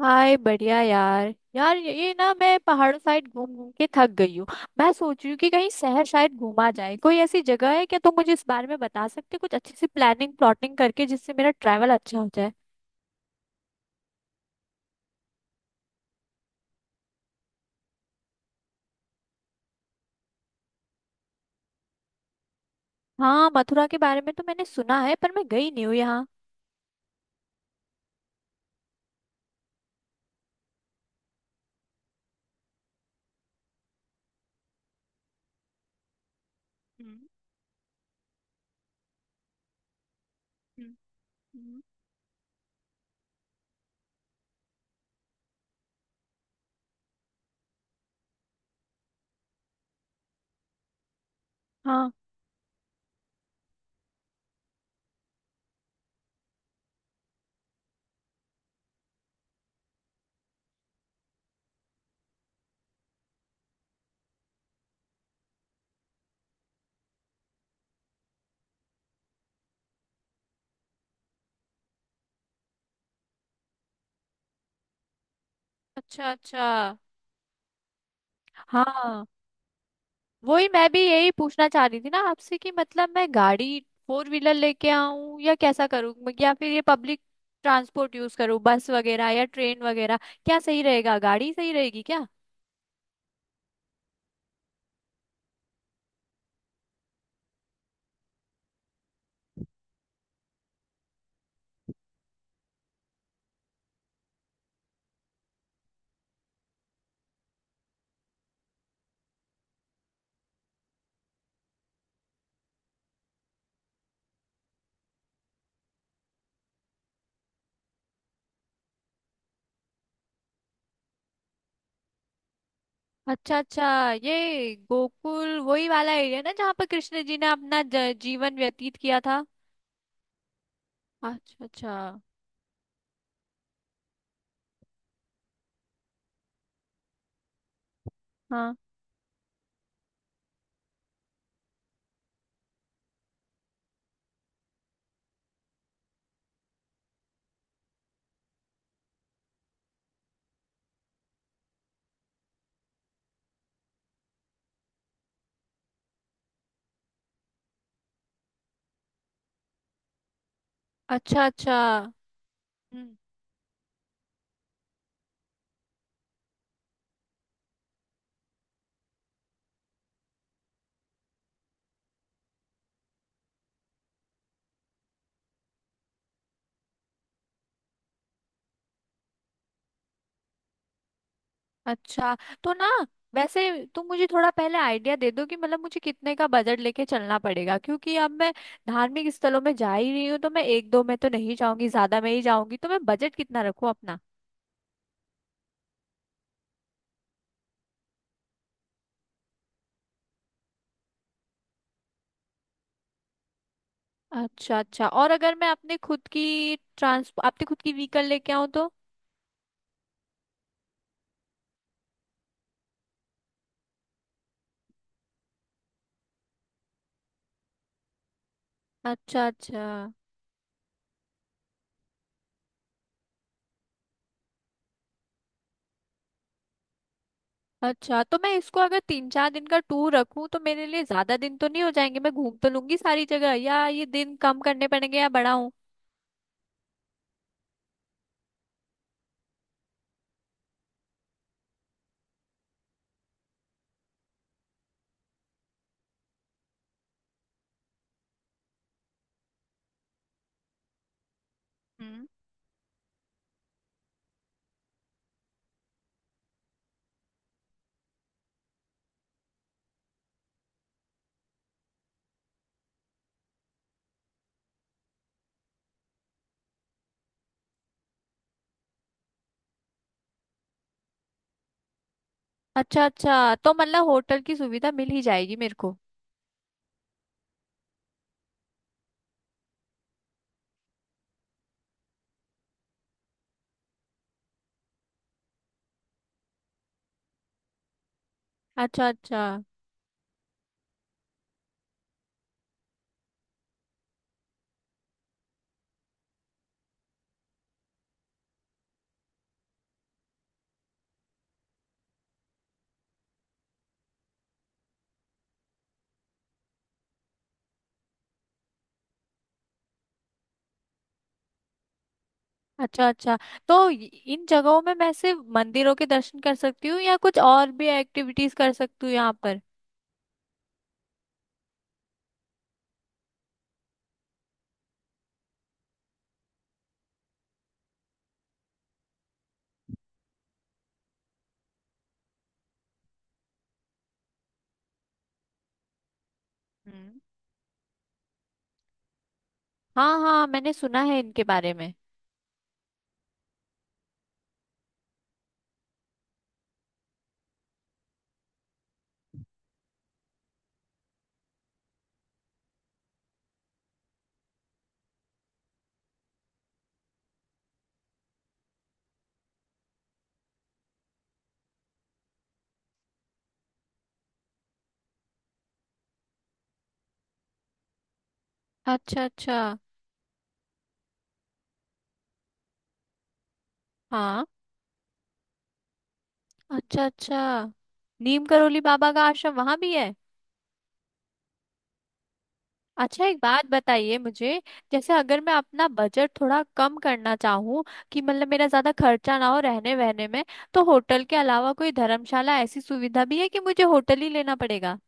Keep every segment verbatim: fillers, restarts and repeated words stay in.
हाय बढ़िया यार। यार, ये ये ना मैं पहाड़ों साइड घूम घूम के थक गई हूँ। मैं सोच रही हूँ कि कहीं शहर शायद घूमा जाए, कोई ऐसी जगह है क्या? तुम मुझे इस बारे में बता सकते हो? कुछ अच्छी सी प्लानिंग प्लॉटिंग करके, जिससे मेरा ट्रैवल अच्छा हो जाए। हाँ, मथुरा के बारे में तो मैंने सुना है पर मैं गई नहीं हूँ यहाँ। हम्म। हम्म। हम्म। हाँ। अच्छा अच्छा। हाँ। वही मैं भी यही पूछना चाह रही थी ना आपसे, कि मतलब मैं गाड़ी फोर व्हीलर लेके आऊं या कैसा करूं, म- या फिर ये पब्लिक ट्रांसपोर्ट यूज करूं, बस वगैरह या ट्रेन वगैरह। क्या सही रहेगा? गाड़ी सही रहेगी क्या? अच्छा अच्छा। ये गोकुल वही वाला एरिया ना, जहाँ पर कृष्ण जी ने अपना ज- जीवन व्यतीत किया था? अच्छा अच्छा। हाँ। अच्छा अच्छा। हम्म। अच्छा, तो ना, वैसे तुम मुझे थोड़ा पहले आइडिया दे दो कि मतलब मुझे कितने का बजट लेके चलना पड़ेगा? क्योंकि अब मैं धार्मिक स्थलों में जा ही रही हूँ, तो मैं एक दो में तो नहीं जाऊंगी, ज्यादा में ही जाऊंगी। तो मैं बजट कितना रखूँ अपना? अच्छा अच्छा। और अगर मैं अपने खुद की ट्रांस अपने खुद की व्हीकल लेके आऊँ तो? अच्छा अच्छा। अच्छा, तो मैं इसको अगर तीन चार दिन का टूर रखूं तो मेरे लिए ज्यादा दिन तो नहीं हो जाएंगे? मैं घूम तो लूंगी सारी जगह? या ये दिन कम करने पड़ेंगे या बढ़ाऊं? अच्छा अच्छा, तो मतलब होटल की सुविधा मिल ही जाएगी मेरे को। अच्छा अच्छा। अच्छा अच्छा, तो इ- इन जगहों में मैं सिर्फ मंदिरों के दर्शन कर सकती हूँ, या कुछ और भी एक्टिविटीज कर सकती हूँ यहाँ पर? हम्म। हाँ हाँ, मैंने सुना है इनके बारे में। अच्छा अच्छा। हाँ। अच्छा अच्छा। नीम करोली बाबा का आश्रम वहां भी है? अच्छा, एक बात बताइए मुझे। जैसे अगर मैं अपना बजट थोड़ा कम करना चाहूँ, कि मतलब मेरा ज्यादा खर्चा ना हो रहने वहने में, तो होटल के अलावा कोई धर्मशाला ऐसी सुविधा भी है, कि मुझे होटल ही लेना पड़ेगा?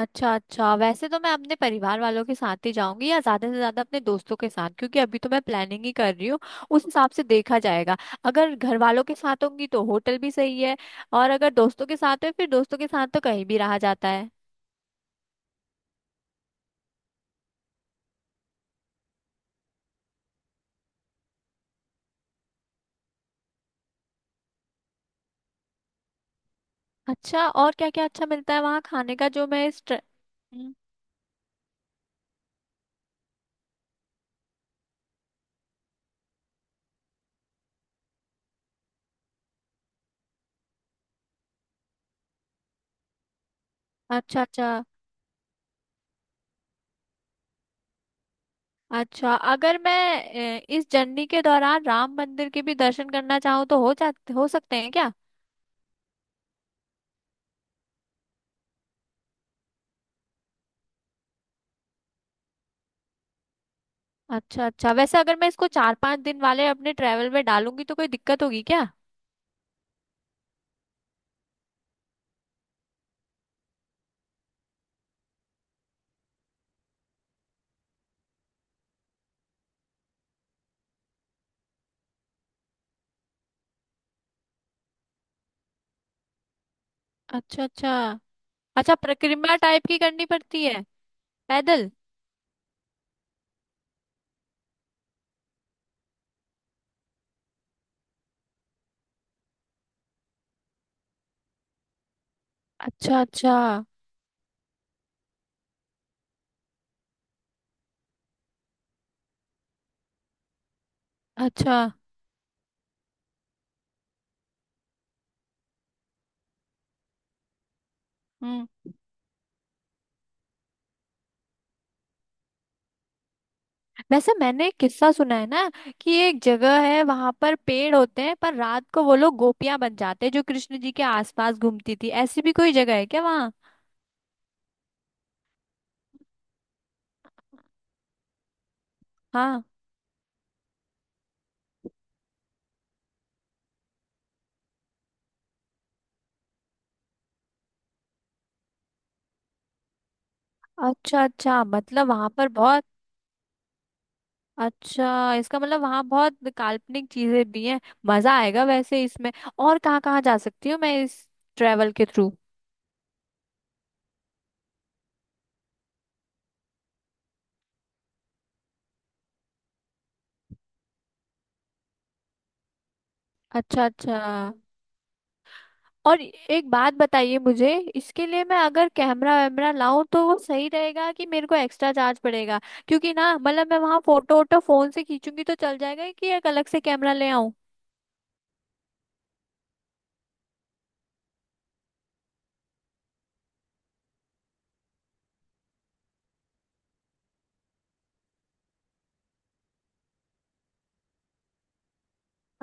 अच्छा अच्छा। वैसे तो मैं अपने परिवार वालों के साथ ही जाऊंगी, या ज्यादा से ज्यादा अपने दोस्तों के साथ, क्योंकि अभी तो मैं प्लानिंग ही कर रही हूँ। उस हिसाब से देखा जाएगा। अगर घर वालों के साथ होंगी तो होटल भी सही है, और अगर दोस्तों के साथ है फिर दोस्तों के साथ तो कहीं भी रहा जाता है। अच्छा, और क्या क्या अच्छा मिलता है वहाँ खाने का, जो मैं इस ट्र— हम्म। अच्छा अच्छा। अच्छा, अगर मैं अ, इस जर्नी के दौरान राम मंदिर के भी दर्शन करना चाहूँ, तो हो जाते, हो सकते हैं क्या? अच्छा अच्छा। वैसे अगर मैं इसको चार पांच दिन वाले अपने ट्रेवल में डालूंगी तो कोई दिक्कत होगी क्या? अच्छा अच्छा। अच्छा, परिक्रमा टाइप की करनी पड़ती है? पैदल? अच्छा अच्छा। अच्छा हम्म। वैसे मैंने एक किस्सा सुना है ना, कि एक जगह है वहां पर पेड़ होते हैं, पर रात को वो लोग गोपियां बन जाते हैं जो कृष्ण जी के आसपास घूमती थी। ऐसी भी कोई जगह है क्या वहाँ? हाँ। अच्छा अच्छा, मतलब वहां पर बहुत— अच्छा, इसका मतलब वहां बहुत काल्पनिक चीजें भी हैं। मजा आएगा वैसे इसमें। और कहाँ कहाँ जा सकती हूँ मैं इस ट्रेवल के थ्रू? अच्छा अच्छा। और एक बात बताइए मुझे, इसके लिए मैं अगर कैमरा वैमरा लाऊं तो वो सही रहेगा, कि मेरे को एक्स्ट्रा चार्ज पड़ेगा? क्योंकि ना, मतलब मैं वहां फोटो वोटो फोन से खींचूंगी तो चल जाएगा, कि एक अलग से कैमरा ले आऊं?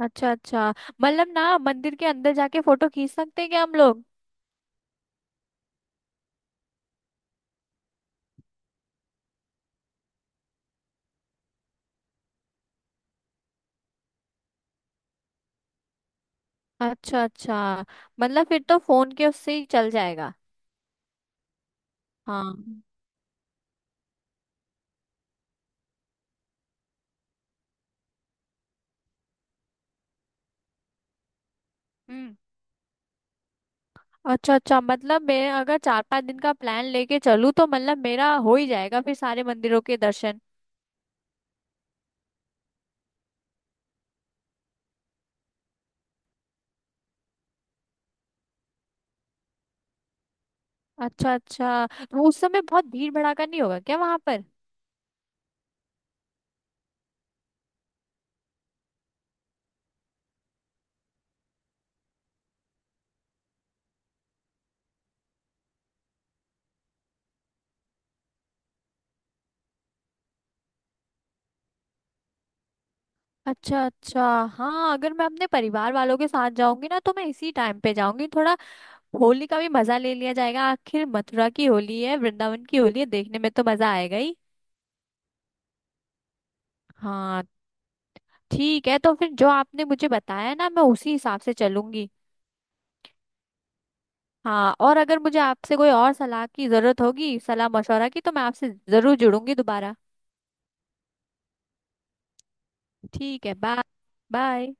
अच्छा अच्छा। मतलब ना, मंदिर के अंदर जाके फोटो खींच सकते हैं क्या हम लोग? अच्छा अच्छा, मतलब फिर तो फोन के उससे ही चल जाएगा। हाँ। हम्म। अच्छा अच्छा, मतलब मैं अगर चार पांच दिन का प्लान लेके चलूँ तो मतलब मेरा हो ही जाएगा फिर सारे मंदिरों के दर्शन। अच्छा अच्छा, तो उस समय बहुत भीड़ भड़ाका नहीं होगा क्या वहां पर? अच्छा अच्छा। हाँ, अगर मैं अपने परिवार वालों के साथ जाऊंगी ना तो मैं इसी टाइम पे जाऊंगी थोड़ा। होली का भी मजा ले लिया जाएगा, आखिर मथुरा की होली है, वृंदावन की होली है, देखने में तो मजा आएगा ही। हाँ। ठीक है, तो फिर जो आपने मुझे बताया ना, मैं उसी हिसाब से चलूंगी। हाँ, और अगर मुझे आपसे कोई और सलाह की जरूरत होगी, सलाह मशवरा की, तो मैं आपसे जरूर जुड़ूंगी दोबारा। ठीक है, बाय। बाय।